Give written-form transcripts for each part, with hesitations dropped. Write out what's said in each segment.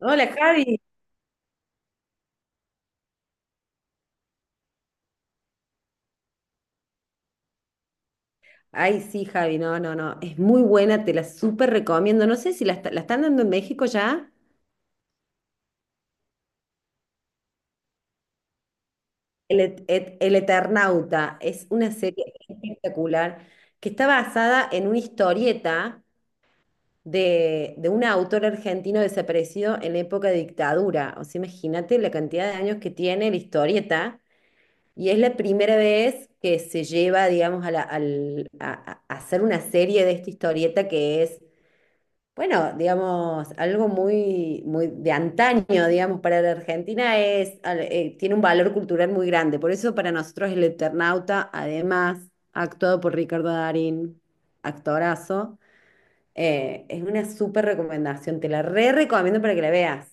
Hola Javi. Ay, sí, Javi, no, no, no. Es muy buena, te la súper recomiendo. No sé si la están dando en México ya. El Eternauta es una serie espectacular que está basada en una historieta de un autor argentino desaparecido en la época de dictadura. O sea, imagínate la cantidad de años que tiene la historieta. Y es la primera vez que se lleva, digamos, a, la- al- a hacer una serie de esta historieta que es. Bueno, digamos, algo muy, muy de antaño, digamos, para la Argentina es, tiene un valor cultural muy grande. Por eso para nosotros el Eternauta, además, actuado por Ricardo Darín, actorazo, es una súper recomendación. Te la re recomiendo para que la veas.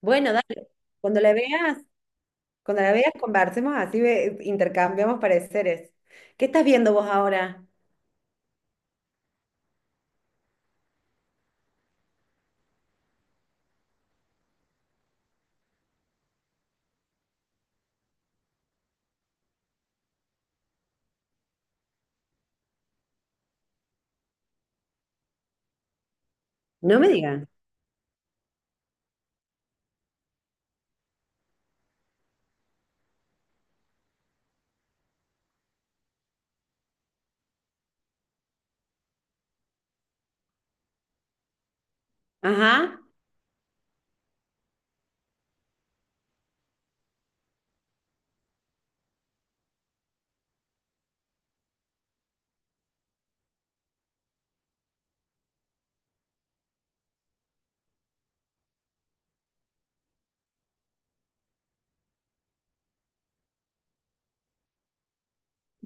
Bueno, dale, cuando la veas, cuando la veas, conversemos así, intercambiamos pareceres. ¿Qué estás viendo vos ahora? No me digas. Ajá.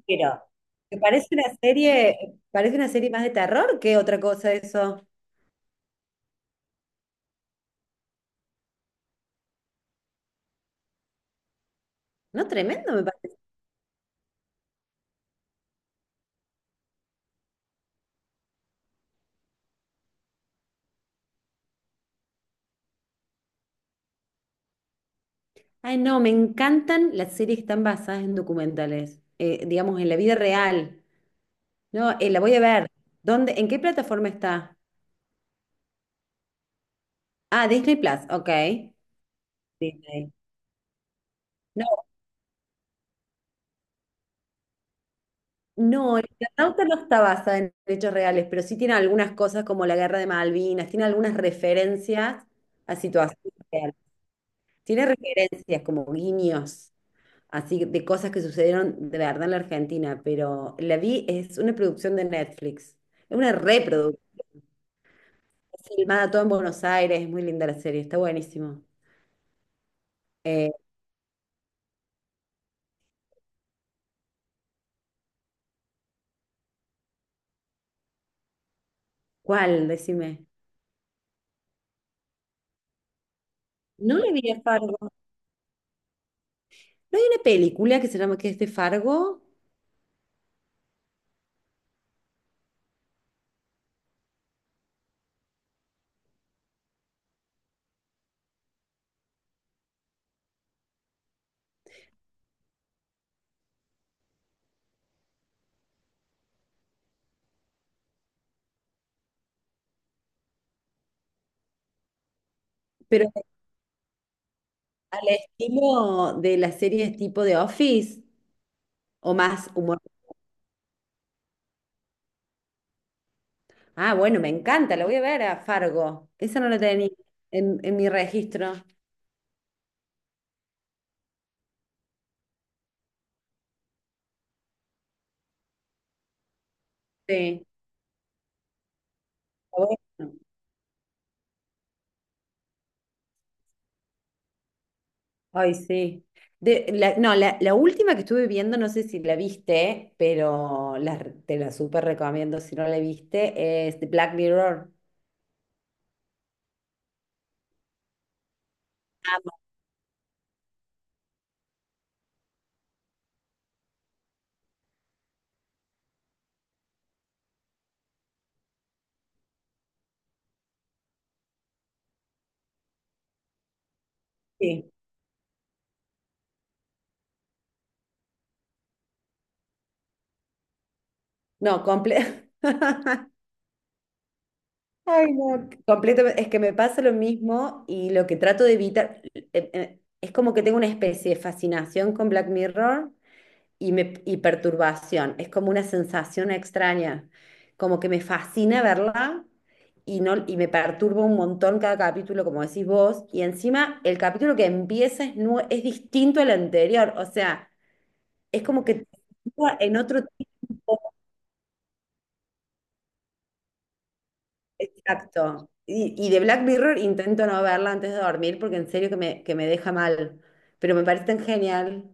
Pero, que parece una serie más de terror que otra cosa eso. No, tremendo me parece. Ay, no, me encantan las series que están basadas en documentales, digamos, en la vida real. No, la voy a ver. ¿Dónde, en qué plataforma está? Ah, Disney Plus, ok. Disney. No, no, el Eternauta no está basada en hechos reales, pero sí tiene algunas cosas como la guerra de Malvinas, tiene algunas referencias a situaciones reales. Tiene referencias como guiños. Así de cosas que sucedieron de verdad en la Argentina, pero la vi, es una producción de Netflix, es una reproducción, es filmada todo en Buenos Aires, es muy linda la serie, está buenísimo. Eh, ¿Cuál? Decime. No le vi a Fargo. No hay una película que se llama que es de Fargo, pero al estilo de las series tipo de Office o más humor. Ah, bueno, me encanta, la voy a ver a Fargo. Esa no la tenía en mi registro. Sí. Está bueno. Ay, sí. No, la última que estuve viendo, no sé si la viste, pero la te la súper recomiendo si no la viste, es de Black Mirror. Sí. No, comple Ay, no, completamente. Es que me pasa lo mismo y lo que trato de evitar, es como que tengo una especie de fascinación con Black Mirror y, y perturbación. Es como una sensación extraña, como que me fascina verla y, no, y me perturba un montón cada capítulo, como decís vos, y encima el capítulo que empieza es, es distinto al anterior, o sea, es como que te sitúa en otro tipo de acto. Y de Black Mirror intento no verla antes de dormir porque en serio que que me deja mal, pero me parece tan genial.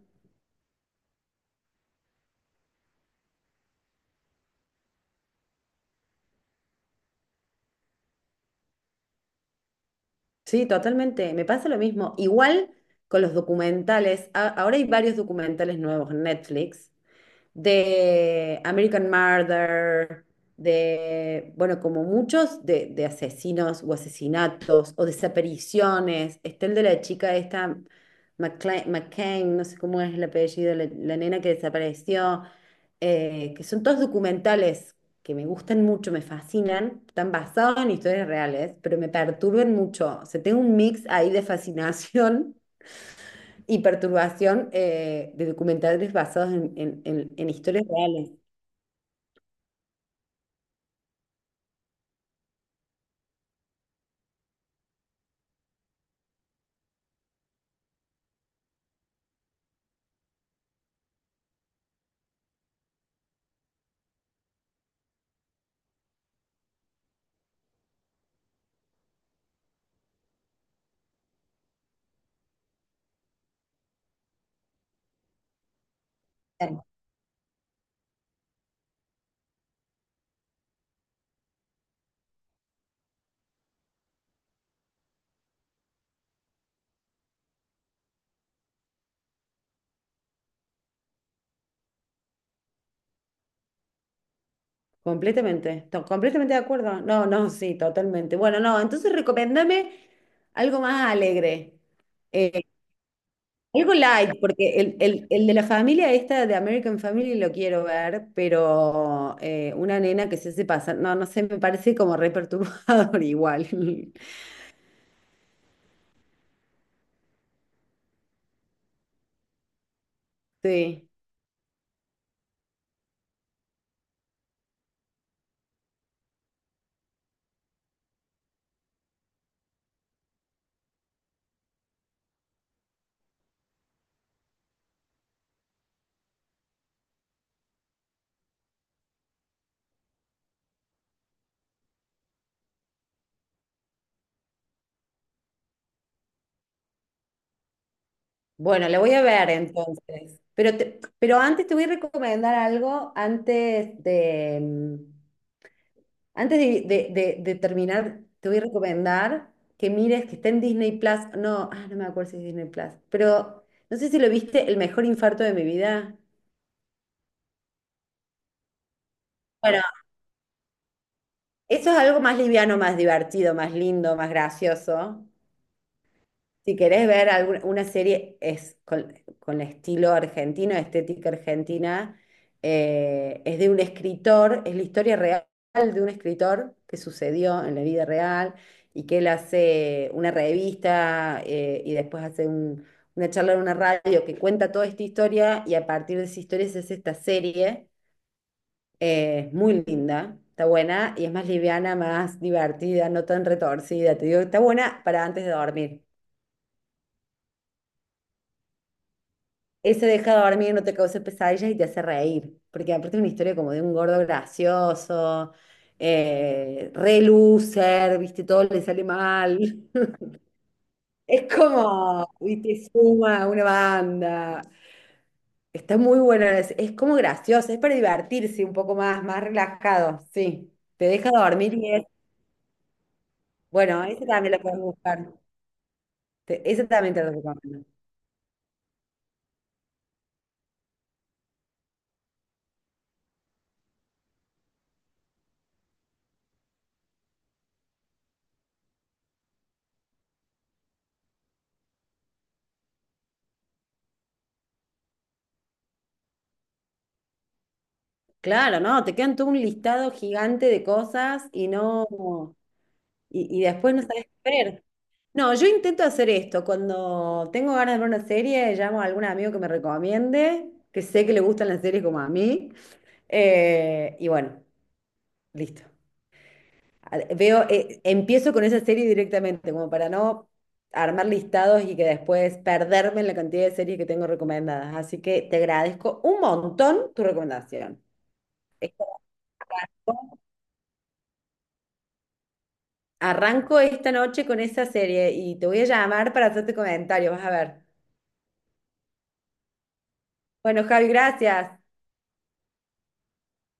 Sí, totalmente. Me pasa lo mismo. Igual con los documentales. Ahora hay varios documentales nuevos en Netflix de American Murder, de, bueno, como muchos, de asesinos o asesinatos o desapariciones. Está el de la chica esta, McCain, no sé cómo es el apellido, la nena que desapareció, que son todos documentales que me gustan mucho, me fascinan, están basados en historias reales, pero me perturban mucho. O sea, tengo un mix ahí de fascinación y perturbación, de documentales basados en, en historias reales. Claro. Completamente, completamente de acuerdo. No, no, sí, totalmente. Bueno, no, entonces recomiéndame algo más alegre, eh, algo light, porque el de la familia esta de American Family lo quiero ver, pero una nena que se hace pasar, no, no sé, me parece como re perturbador igual. Sí. Bueno, le voy a ver entonces. Pero, pero antes te voy a recomendar algo antes de, de terminar, te voy a recomendar que mires, que está en Disney Plus. No, ah, no me acuerdo si es Disney Plus, pero no sé si lo viste, El mejor infarto de mi vida. Bueno, eso es algo más liviano, más divertido, más lindo, más gracioso. Si querés ver alguna, una serie es con estilo argentino, estética argentina, es de un escritor, es la historia real de un escritor que sucedió en la vida real y que él hace una revista, y después hace una charla en una radio que cuenta toda esta historia y a partir de esa historia se hace esta serie, muy linda. Está buena y es más liviana, más divertida, no tan retorcida. Te digo, está buena para antes de dormir. Ese deja dormir, no te causa pesadillas y te hace reír, porque aparte es una historia como de un gordo gracioso, re loser, viste, todo le sale mal. Es como, viste, suma una banda. Está muy buena, es como gracioso, es para divertirse un poco más, más relajado, sí. Te deja dormir y es, bueno, ese también lo puedes buscar. Ese también te lo recomiendo. Claro, no, te quedan todo un listado gigante de cosas y no, y después no sabes qué ver. No, yo intento hacer esto. Cuando tengo ganas de ver una serie, llamo a algún amigo que me recomiende, que sé que le gustan las series como a mí, y bueno, listo. Veo, empiezo con esa serie directamente, como para no armar listados y que después perderme en la cantidad de series que tengo recomendadas. Así que te agradezco un montón tu recomendación. Arranco esta noche con esa serie y te voy a llamar para hacerte comentario, vas a ver. Bueno, Javi, gracias.